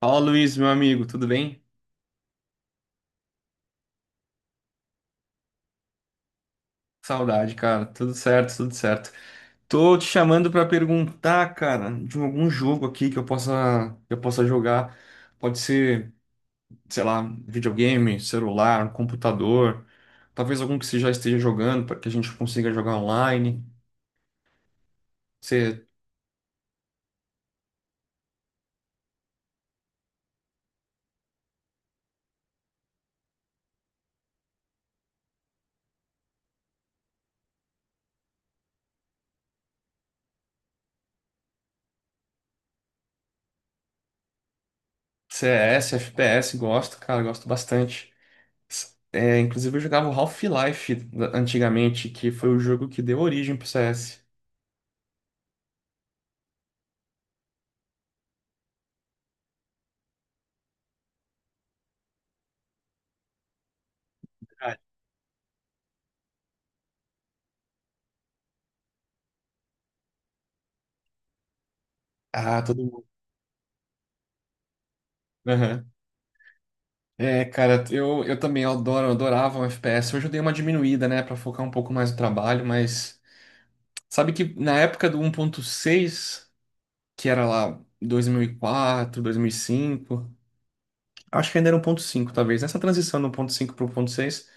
Fala, Luiz, meu amigo, tudo bem? Saudade, cara. Tudo certo, tudo certo. Tô te chamando pra perguntar, cara, de algum jogo aqui que eu possa, jogar. Pode ser, sei lá, videogame, celular, um computador. Talvez algum que você já esteja jogando, para que a gente consiga jogar online. Você C- CS, FPS, gosto, cara, gosto bastante. É, inclusive eu jogava o Half-Life antigamente, que foi o jogo que deu origem pro CS. Verdade. Ah, todo mundo. É, cara, eu também adoro, eu adorava o FPS. Hoje eu dei uma diminuída, né, pra focar um pouco mais no trabalho, mas sabe que na época do 1.6 que era lá dois mil e quatro, 2005, acho que ainda era 1.5 talvez. Nessa transição do 1.5 pro 1.6,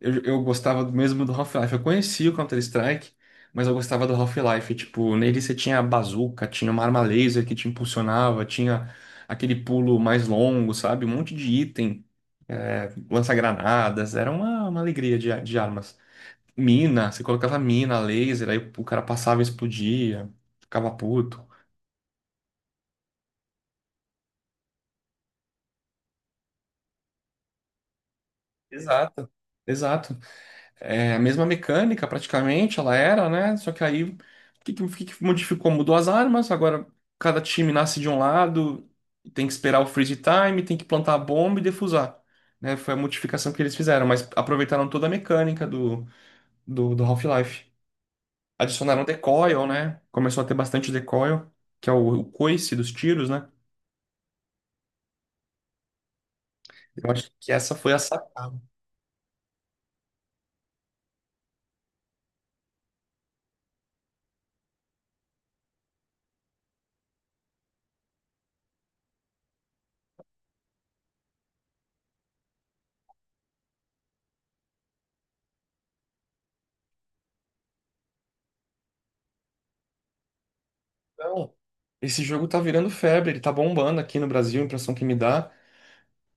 eu gostava do mesmo do Half-Life. Eu conhecia o Counter-Strike, mas eu gostava do Half-Life. Tipo, nele você tinha a bazuca, tinha uma arma laser que te impulsionava, tinha aquele pulo mais longo, sabe? Um monte de item lança-granadas, era uma alegria de armas. Mina, você colocava mina, laser, aí o cara passava e explodia, ficava puto. Exato. Exato. É a mesma mecânica, praticamente, ela era, né? Só que aí, o que que modificou? Mudou as armas, agora cada time nasce de um lado, tem que esperar o freeze time, tem que plantar a bomba e defusar. Né? Foi a modificação que eles fizeram, mas aproveitaram toda a mecânica do Half-Life. Adicionaram decoil, né? Começou a ter bastante decoil, que é o coice dos tiros, né? Eu acho que essa foi a sacada. Então, esse jogo tá virando febre, ele tá bombando aqui no Brasil, a impressão que me dá,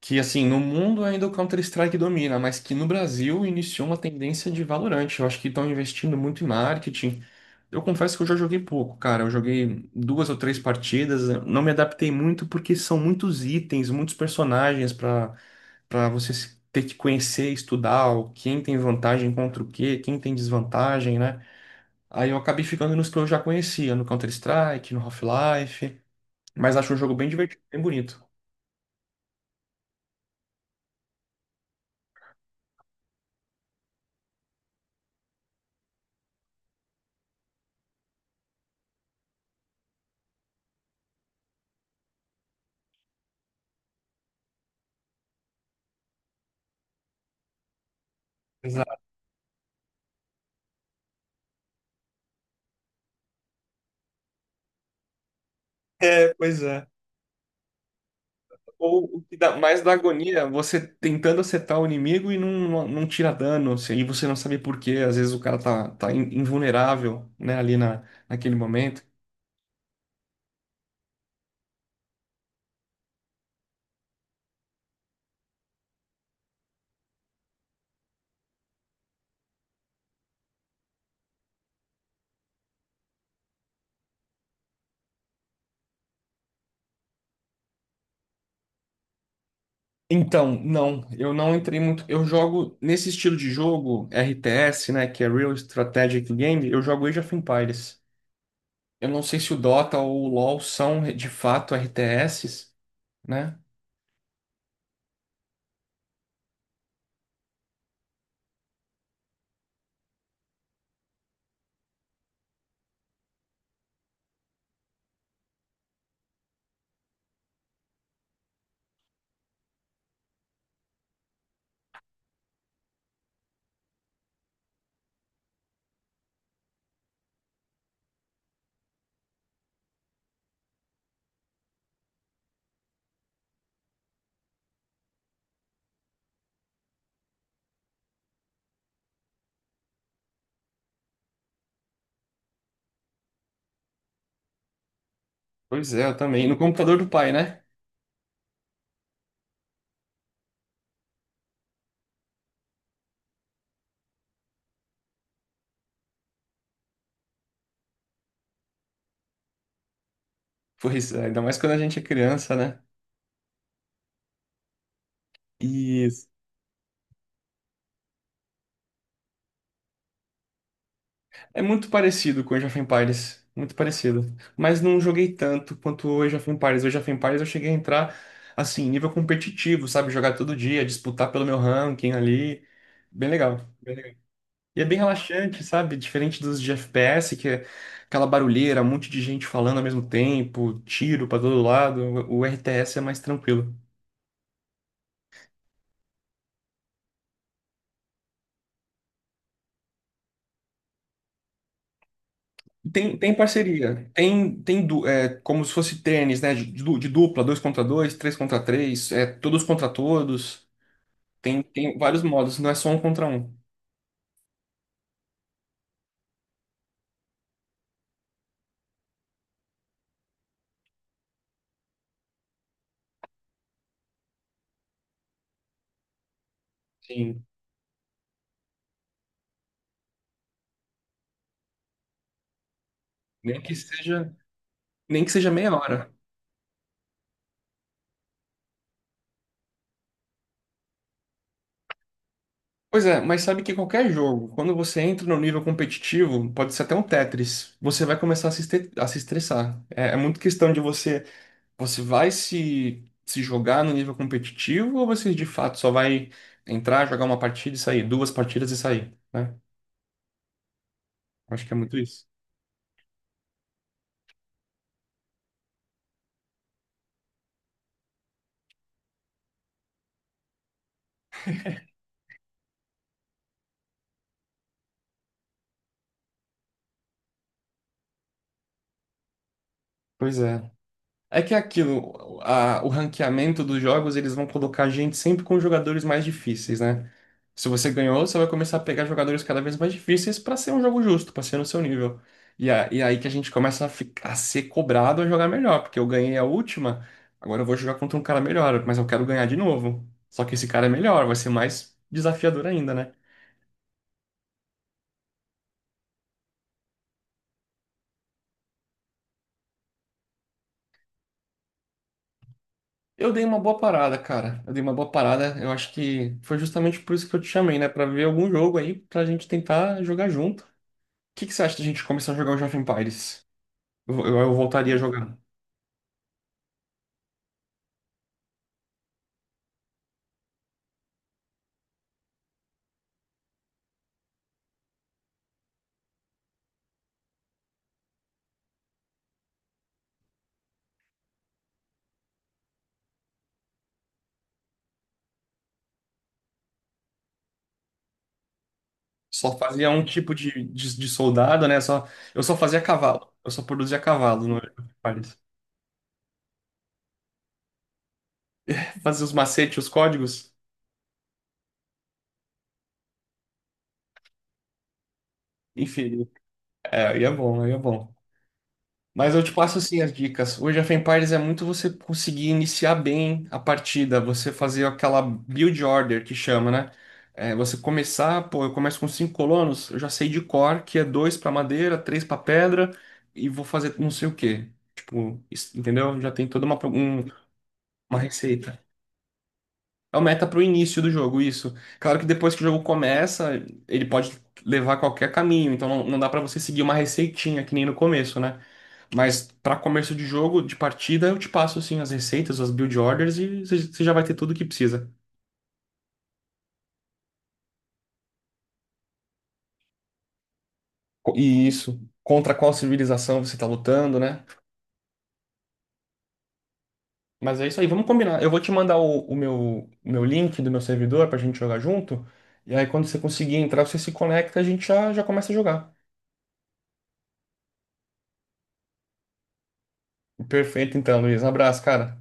que assim, no mundo ainda o Counter-Strike domina, mas que no Brasil iniciou uma tendência de Valorant. Eu acho que estão investindo muito em marketing. Eu confesso que eu já joguei pouco, cara. Eu joguei duas ou três partidas, eu não me adaptei muito porque são muitos itens, muitos personagens para você ter que conhecer, estudar quem tem vantagem contra o quê, quem tem desvantagem, né? Aí eu acabei ficando nos que eu já conhecia, no Counter-Strike, no Half-Life, mas acho um jogo bem divertido, bem bonito. Exato. É, pois é. Ou o que dá mais da agonia, você tentando acertar o inimigo e não tira dano, assim, e você não sabe por quê. Às vezes o cara tá invulnerável, né, ali naquele momento. Então, não, eu não entrei muito. Eu jogo nesse estilo de jogo, RTS, né, que é Real Strategic Game, eu jogo Age of Empires. Eu não sei se o Dota ou o LoL são de fato RTSs, né? Pois é, eu também. No computador do pai, né? Pois é, ainda mais quando a gente é criança, né? E é muito parecido com Age of Empires. Muito parecido. Mas não joguei tanto quanto o Age of Empires. O Age of Empires eu cheguei a entrar, assim, nível competitivo, sabe? Jogar todo dia, disputar pelo meu ranking ali. Bem legal. Bem legal. E é bem relaxante, sabe? Diferente dos de FPS, que é aquela barulheira, um monte de gente falando ao mesmo tempo, tiro pra todo lado. O RTS é mais tranquilo. Tem parceria. É, como se fosse tênis, né? De dupla, dois contra dois, três contra três, é, todos contra todos. Tem vários modos, não é só um contra um. Sim. Nem que seja, nem que seja meia hora. Pois é, mas sabe que qualquer jogo, quando você entra no nível competitivo, pode ser até um Tetris, você vai começar a se estressar. É muito questão de você, vai se jogar no nível competitivo ou você de fato só vai entrar, jogar uma partida e sair, duas partidas e sair, né? Acho que é muito isso. Pois é. É que é aquilo, o ranqueamento dos jogos, eles vão colocar a gente sempre com jogadores mais difíceis, né? Se você ganhou, você vai começar a pegar jogadores cada vez mais difíceis para ser um jogo justo, para ser no seu nível. E, e aí que a gente começa a ser cobrado a jogar melhor, porque eu ganhei a última, agora eu vou jogar contra um cara melhor, mas eu quero ganhar de novo. Só que esse cara é melhor, vai ser mais desafiador ainda, né? Eu dei uma boa parada, cara. Eu dei uma boa parada. Eu acho que foi justamente por isso que eu te chamei, né? Pra ver algum jogo aí, pra gente tentar jogar junto. Que você acha da gente começar a jogar o Age of Empires? Eu voltaria a jogar. Só fazia um tipo de soldado, né? Só, eu só fazia cavalo. Eu só produzia cavalo no Age of Empires. Fazia os macetes, os códigos. Enfim, é, aí é bom, aí é bom. Mas eu te passo assim as dicas. Hoje a FemPares é muito você conseguir iniciar bem a partida, você fazer aquela build order que chama, né? É, você começar, pô, eu começo com cinco colonos, eu já sei de cor que é dois para madeira, três para pedra e vou fazer não sei o quê. Tipo, entendeu? Já tem toda uma, uma receita. É o meta pro início do jogo, isso. Claro que depois que o jogo começa, ele pode levar qualquer caminho, então não, não dá para você seguir uma receitinha que nem no começo, né? Mas para comércio de jogo, de partida, eu te passo assim as receitas, as build orders e você já vai ter tudo o que precisa. E isso, contra qual civilização você está lutando, né? Mas é isso aí, vamos combinar. Eu vou te mandar o meu link do meu servidor pra gente jogar junto. E aí quando você conseguir entrar, você se conecta, a gente já começa a jogar. Perfeito então, Luiz. Um abraço, cara.